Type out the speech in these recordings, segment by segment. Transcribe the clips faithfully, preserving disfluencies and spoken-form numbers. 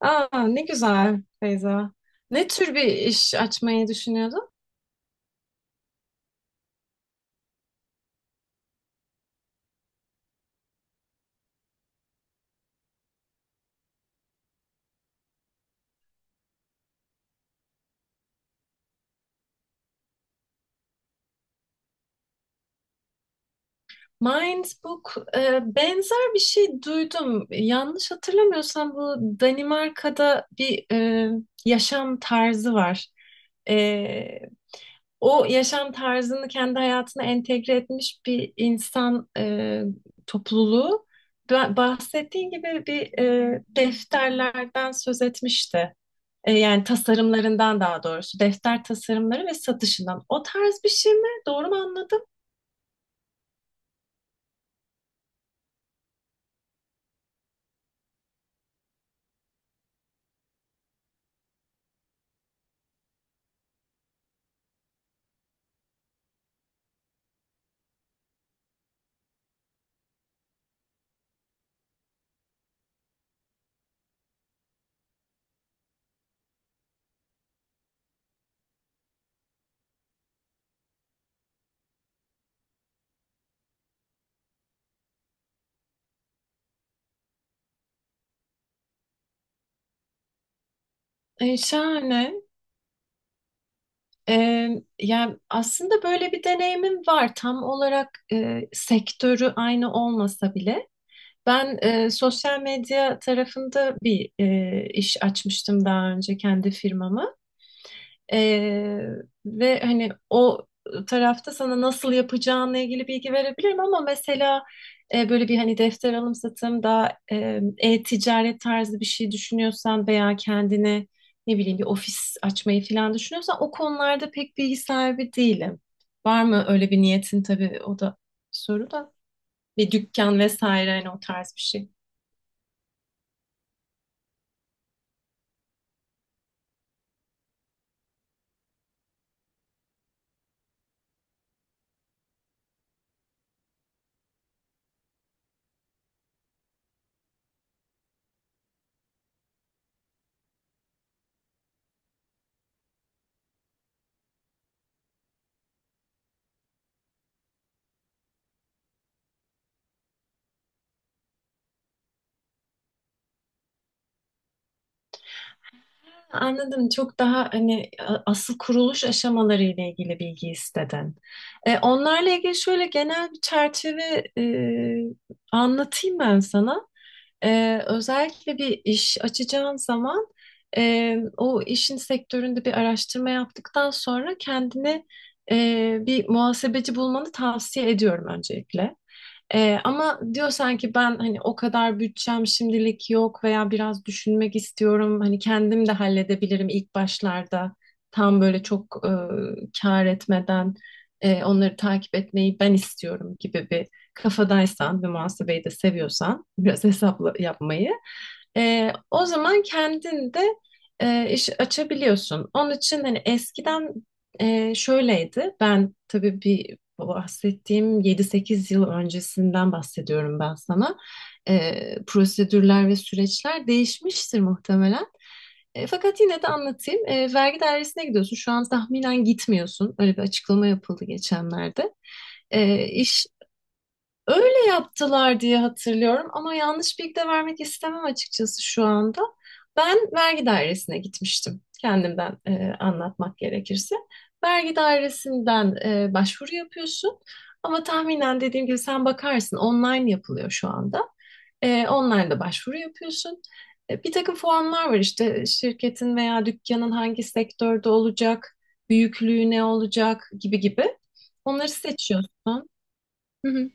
Aa, ne güzel Feyza. Ne tür bir iş açmayı düşünüyordun? Mindbook e, benzer bir şey duydum. Yanlış hatırlamıyorsam bu Danimarka'da bir e, yaşam tarzı var. E, O yaşam tarzını kendi hayatına entegre etmiş bir insan e, topluluğu. Ba- Bahsettiğin gibi bir e, defterlerden söz etmişti. E, yani tasarımlarından daha doğrusu defter tasarımları ve satışından. O tarz bir şey mi? Doğru mu anladım? E, şahane. E, Yani aslında böyle bir deneyimim var. Tam olarak e, sektörü aynı olmasa bile. Ben e, sosyal medya tarafında bir e, iş açmıştım daha önce kendi firmama. Ee, Ve hani o tarafta sana nasıl yapacağınla ilgili bilgi verebilirim ama mesela e, böyle bir hani defter alım satım daha e, e-ticaret tarzı bir şey düşünüyorsan veya kendine ne bileyim bir ofis açmayı falan düşünüyorsan o konularda pek bilgi sahibi değilim. Var mı öyle bir niyetin, tabii o da soru da, bir dükkan vesaire hani o tarz bir şey. Anladım. Çok daha hani a- asıl kuruluş aşamaları ile ilgili bilgi istedin. E, onlarla ilgili şöyle genel bir çerçeve e, anlatayım ben sana. E, özellikle bir iş açacağın zaman e, o işin sektöründe bir araştırma yaptıktan sonra kendine e, bir muhasebeci bulmanı tavsiye ediyorum öncelikle. Ee, ama diyor sanki ben hani o kadar bütçem şimdilik yok veya biraz düşünmek istiyorum. Hani kendim de halledebilirim ilk başlarda. Tam böyle çok e, kâr etmeden e, onları takip etmeyi ben istiyorum gibi bir kafadaysan ve muhasebeyi de seviyorsan biraz hesapla yapmayı. e, o zaman kendin de e, iş açabiliyorsun. Onun için hani eskiden e, şöyleydi. Ben tabii bir, bu bahsettiğim yedi sekiz yıl öncesinden bahsediyorum ben sana. Ee, prosedürler ve süreçler değişmiştir muhtemelen. E, fakat yine de anlatayım. E, vergi dairesine gidiyorsun. Şu an tahminen gitmiyorsun. Öyle bir açıklama yapıldı geçenlerde. E, iş Öyle yaptılar diye hatırlıyorum ama yanlış bilgi de vermek istemem açıkçası şu anda. Ben vergi dairesine gitmiştim. Kendimden e, anlatmak gerekirse. Vergi dairesinden e, başvuru yapıyorsun. Ama tahminen dediğim gibi sen bakarsın, online yapılıyor şu anda. E, online'da başvuru yapıyorsun. E, bir takım formlar var, işte şirketin veya dükkanın hangi sektörde olacak, büyüklüğü ne olacak gibi gibi. Onları seçiyorsun. Hı hı.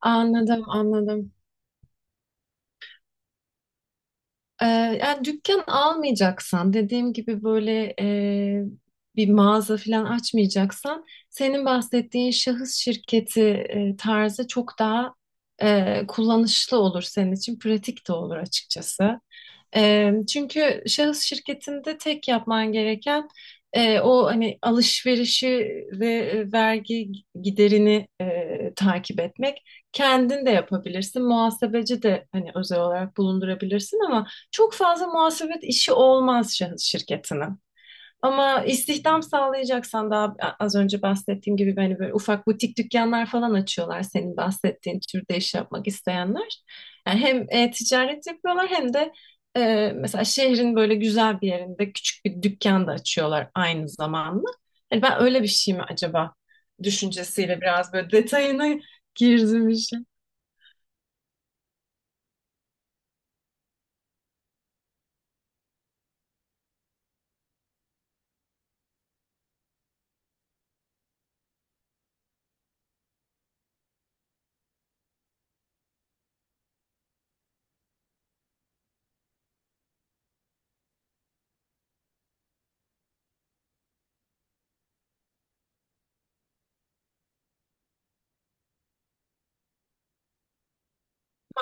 Anladım, anladım. Ee, yani dükkan almayacaksan, dediğim gibi böyle e, bir mağaza falan açmayacaksan, senin bahsettiğin şahıs şirketi e, tarzı çok daha e, kullanışlı olur senin için, pratik de olur açıkçası. E, çünkü şahıs şirketinde tek yapman gereken e, o hani alışverişi ve e, vergi giderini e, takip etmek. Kendin de yapabilirsin. Muhasebeci de hani özel olarak bulundurabilirsin ama çok fazla muhasebet işi olmaz şahıs şirketinin. Ama istihdam sağlayacaksan, daha az önce bahsettiğim gibi hani böyle ufak butik dükkanlar falan açıyorlar senin bahsettiğin türde iş yapmak isteyenler. Yani hem e, ticaret yapıyorlar hem de e, mesela şehrin böyle güzel bir yerinde küçük bir dükkan da açıyorlar aynı zamanda. Hani ben öyle bir şey mi acaba düşüncesiyle biraz böyle detayına girdim işin,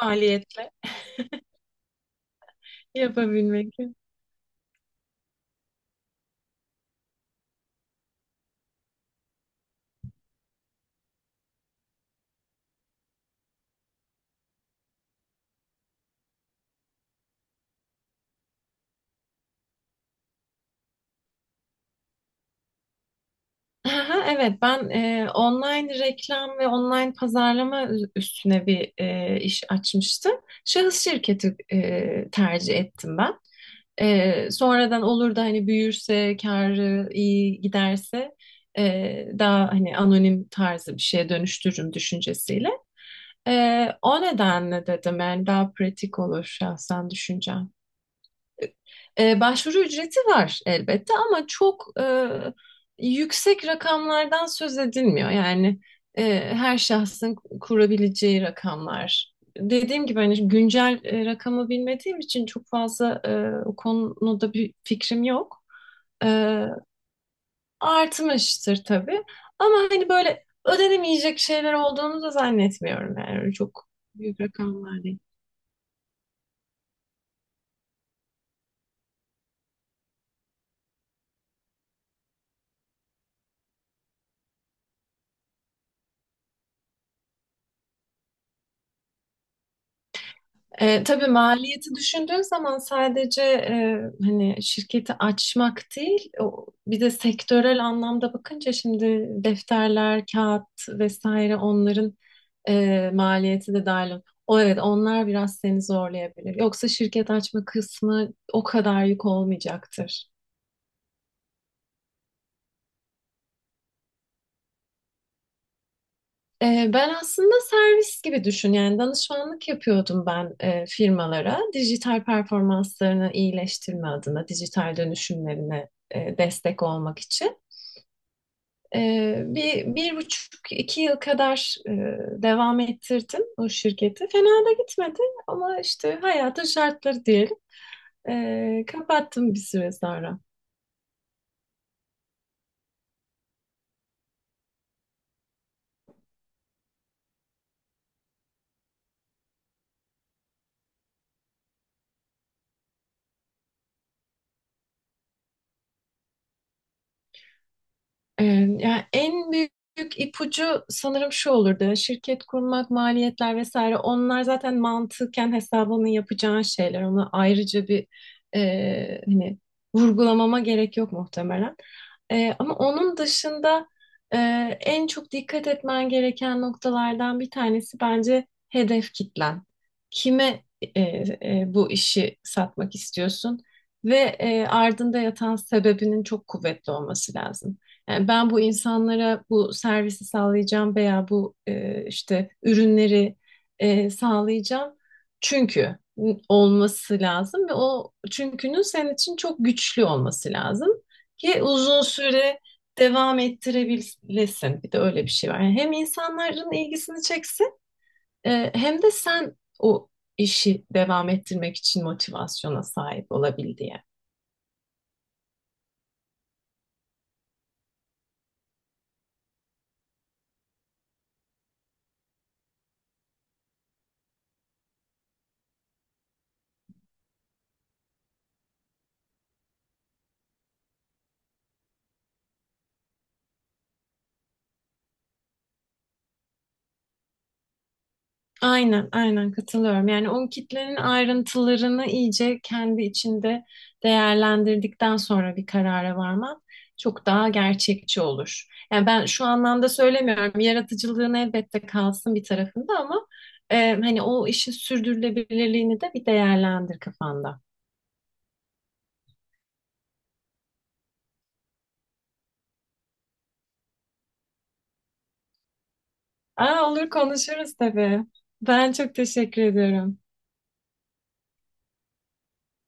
maliyetle yapabilmek. Aha, Evet, ben e, online reklam ve online pazarlama ü- üstüne bir e, iş açmıştım. Şahıs şirketi e, tercih ettim ben. E, sonradan olur da hani büyürse, karı iyi giderse e, daha hani anonim tarzı bir şeye dönüştürürüm düşüncesiyle. E, o nedenle dedim, yani daha pratik olur şahsen düşüncem. E, başvuru ücreti var elbette ama çok e, yüksek rakamlardan söz edilmiyor. Yani e, her şahsın kurabileceği rakamlar. Dediğim gibi hani güncel e, rakamı bilmediğim için çok fazla e, o konuda bir fikrim yok. E, artmıştır tabii. Ama hani böyle ödenemeyecek şeyler olduğunu da zannetmiyorum, yani çok büyük rakamlar değil. E, tabii maliyeti düşündüğün zaman, sadece e, hani şirketi açmak değil, o, bir de sektörel anlamda bakınca şimdi defterler, kağıt vesaire onların e, maliyeti de dahil. O evet, onlar biraz seni zorlayabilir. Yoksa şirket açma kısmı o kadar yük olmayacaktır. Ee, Ben aslında servis gibi düşün, yani danışmanlık yapıyordum ben e, firmalara, dijital performanslarını iyileştirme adına dijital dönüşümlerine e, destek olmak için. Ee, bir, bir buçuk iki yıl kadar e, devam ettirdim o şirketi, fena da gitmedi ama işte hayatın şartları diyelim. Ee, kapattım bir süre sonra. Ee, Yani en büyük ipucu sanırım şu olurdu. Şirket kurmak, maliyetler vesaire, onlar zaten mantıken hesabını yapacağın şeyler. Ona ayrıca bir e, hani vurgulamama gerek yok muhtemelen. Ee, ama onun dışında e, en çok dikkat etmen gereken noktalardan bir tanesi bence hedef kitlen. Kime e, e, bu işi satmak istiyorsun ve e, ardında yatan sebebinin çok kuvvetli olması lazım. Yani, ben bu insanlara bu servisi sağlayacağım veya bu e, işte ürünleri e, sağlayacağım. Çünkü olması lazım ve o çünkünün senin için çok güçlü olması lazım. Ki uzun süre devam ettirebilesin. Bir de öyle bir şey var. Yani hem insanların ilgisini çeksin e, hem de sen o işi devam ettirmek için motivasyona sahip olabil diye. Aynen, aynen katılıyorum. Yani o kitlenin ayrıntılarını iyice kendi içinde değerlendirdikten sonra bir karara varman çok daha gerçekçi olur. Yani ben şu anlamda söylemiyorum, yaratıcılığın elbette kalsın bir tarafında ama e, hani o işin sürdürülebilirliğini de bir değerlendir kafanda. Aa, olur, konuşuruz tabii. Ben çok teşekkür ediyorum.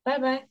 Bay bay.